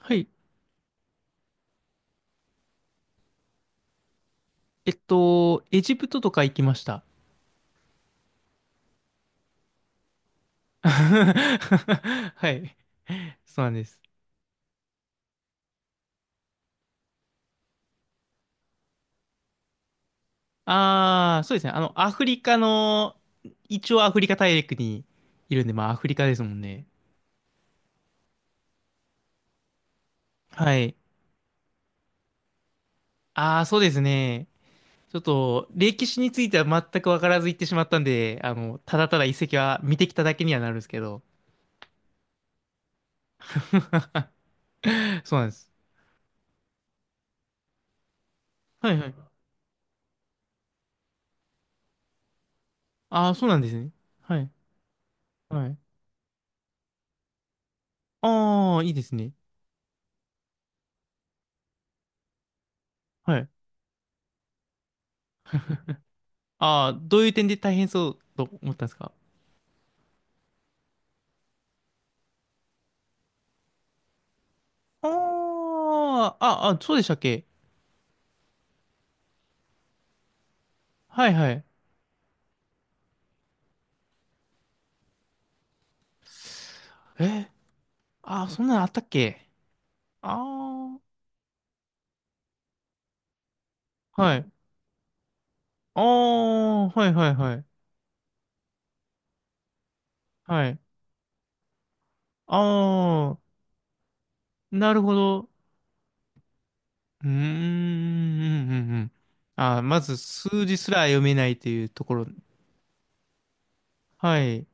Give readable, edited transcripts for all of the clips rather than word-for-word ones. はい。エジプトとか行きました。はい。そうなんです。ああ、そうですね。アフリカの、一応アフリカ大陸にいるんで、まあアフリカですもんね。はい。ああ、そうですね。ちょっと、歴史については全くわからず行ってしまったんで、ただただ遺跡は見てきただけにはなるんですけど。そうなんです。はいはい。ああ、そうなんですね。はい。はい。ああ、いいですね。はい。ああ、どういう点で大変そうと思ったんですか？ああ、そうでしたっけ？はいはい。え、あ、そんなのあったっけ？ああはい。ああ、はいはいはい。はい。ああ、なるほど。うーん、うん、うん。うん。あ、まず数字すら読めないというところ。はい。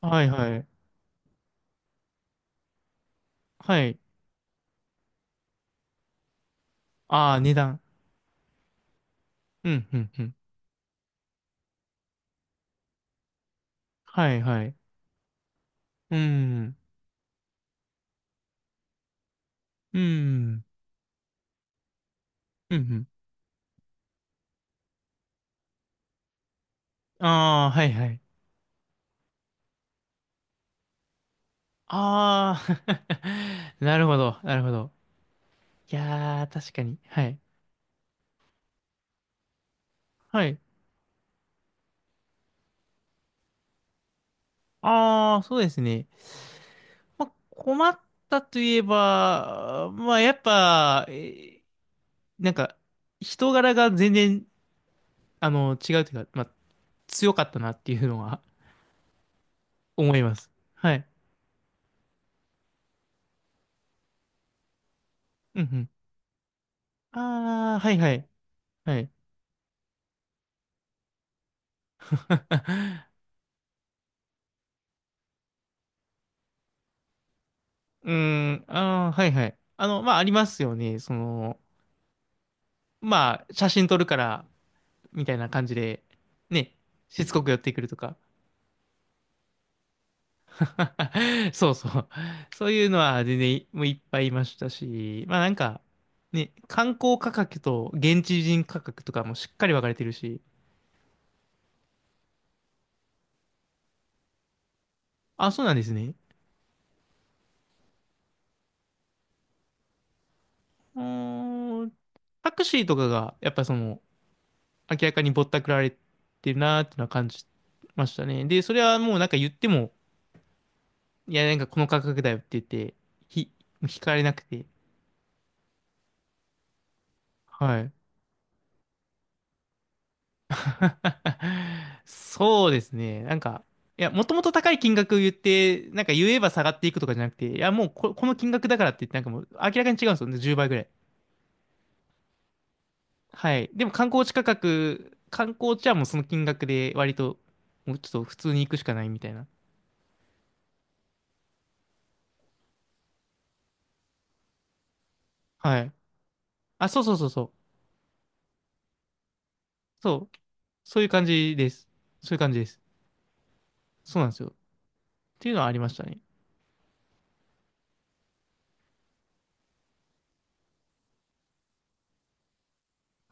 はいはい。はい。ああ、値段。うん、うん、うん。はいはい。うん、うん、うん、うん。ああ、はいはい。ああ、なるほど、なるほど。いやー、確かに。はい。はい。ああそうですね。まあ、困ったといえば、まあ、やっぱ、なんか、人柄が全然、違うというか、まあ、強かったなっていうのは 思います。はい。うんうん。ああはいはい。はい。うーん、ああはいはい。まあ、ありますよね。まあ、写真撮るから、みたいな感じで、ね、しつこく寄ってくるとか。そうそう。そういうのは全然もういっぱいいましたし、まあなんか、ね、観光価格と現地人価格とかもしっかり分かれてるし、あ、そうなんですね。うーん、タクシーとかがやっぱ明らかにぼったくられてるなーっていうのは感じましたね。で、それはもうなんか言っても、いやなんかこの価格だよって言って、ひ、引かれなくて、はい。そうですね。なんか、いや、もともと高い金額を言って、なんか言えば下がっていくとかじゃなくて、いや、もうこの金額だからって言って、なんかもう明らかに違うんですよね。10倍ぐらい。はい。でも観光地価格、観光地はもうその金額で割と、もうちょっと普通に行くしかないみたいな。はい。あ、そうそうそうそう。そう。そういう感じです。そういう感じです。そうなんですよ。っていうのはありましたね。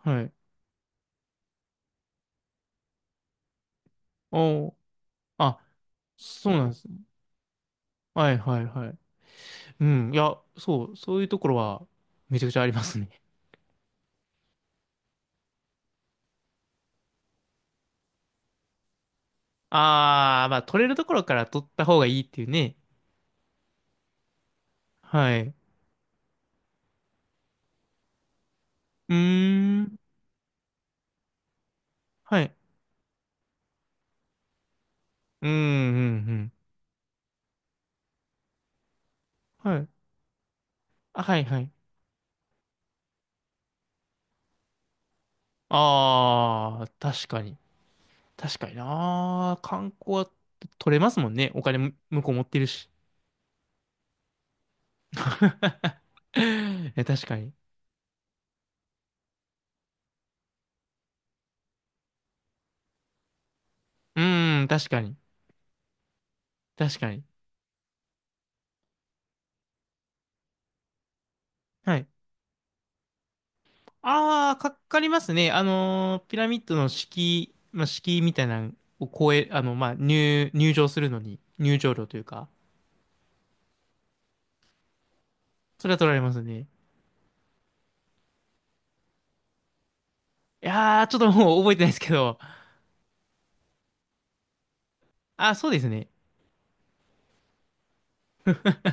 はい。おー。あ、そうなんですね。はいはいはい。うん、いや、そう、そういうところはめちゃくちゃありますね。あー、まあ、取れるところから取った方がいいっていうね。はい。うーん、はい。うん、うん、うん。はい。あ、はい、はい。あー、確かに。確かにな。観光は取れますもんね。お金も向こう持ってるし。いや確かに。うーん、確かに。確かに。はい。ああ、かかりますね。ピラミッドの敷居、まあ、敷居みたいなのを超え、まあ、入場するのに、入場料というか、それは取られますね。いやー、ちょっともう覚えてないですけど、あー、そうですね。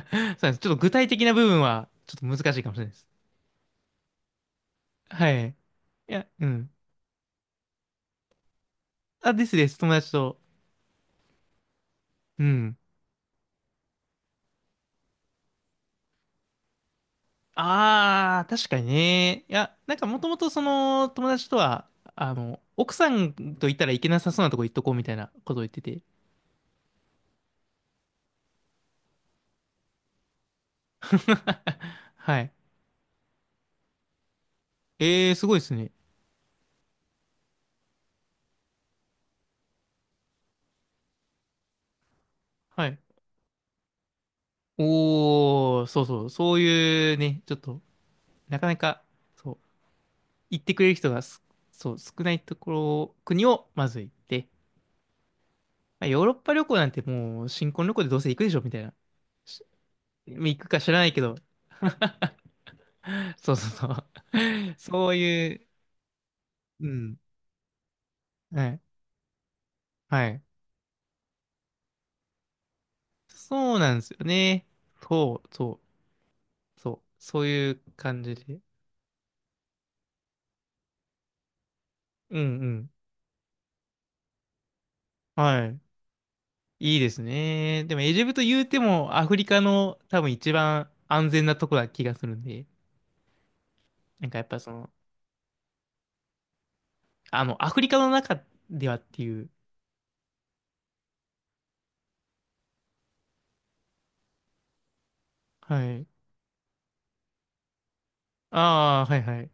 そうなんです。ちょっと具体的な部分は、ちょっと難しいかもしれないです。はい。いや、うん。あ、ですです。友達と。うん。あー、確かにね。いや、なんかもともと友達とは、奥さんと行ったらいけなさそうなとこ行っとこうみたいなことを言ってて。はい。ええ、すごいですね。はい。おー、そうそう、そういうね、ちょっと、なかなか、そう、行ってくれる人がそう、少ないところ、国をまず行って、まあ、ヨーロッパ旅行なんてもう、新婚旅行でどうせ行くでしょ、みたいな。し行くか知らないけど、そうそうそう。そういう、うん、はい、はい。そうなんですよね。そう、そう、そう、そういう感じで。うん、うん。はい。いいですね。でもエジプト言うてもアフリカの多分一番安全なとこな気がするんで、なんかやっぱアフリカの中ではっていう。はい。ああ、はいはい。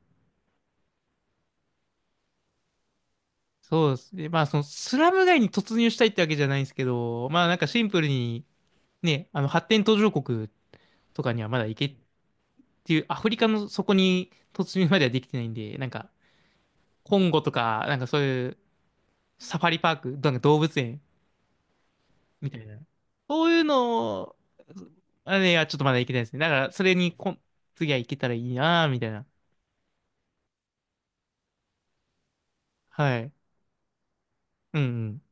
そうですね。まあそのスラム街に突入したいってわけじゃないんですけど、まあなんかシンプルにね、あの発展途上国とかにはまだ行けっていう、アフリカのそこに突入まではできてないんで、なんかコンゴとか、なんかそういうサファリパーク、なんか動物園みたいな。そういうのを、あれはちょっとまだいけないですね。だから、それに次はいけたらいいなぁ、みたいな。はい。うんうん。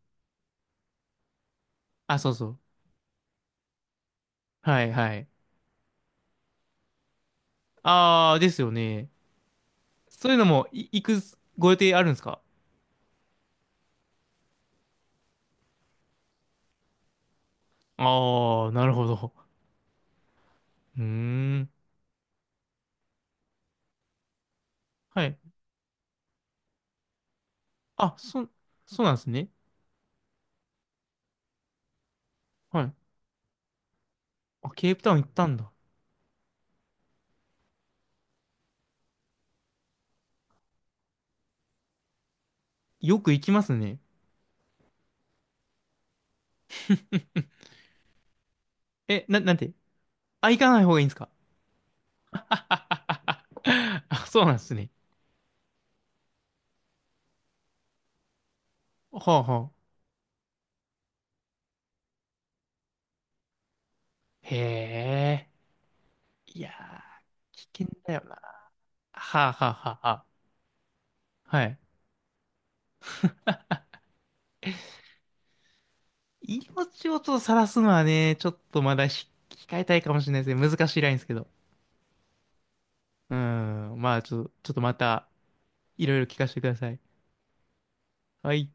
あ、そうそう。はいはい。ああ、ですよね。そういうのも、行くご予定あるんですか？ああー、なるほど。うーん。はい。あ、そうなんですね。はい。あ、ケープタウン行ったんだ。よく行きますね。え、なんてあ、行かない方がいいんですか？ あ、そうなんですね。はあはあ。へえ。いやー、危険だよな。はあはあはあはあ。はい。命をちょっと晒すのはね、ちょっとまだ控えたいかもしれないですね。難しいラインですけど。うーん。まあ、ちょっとまた、いろいろ聞かせてください。はい。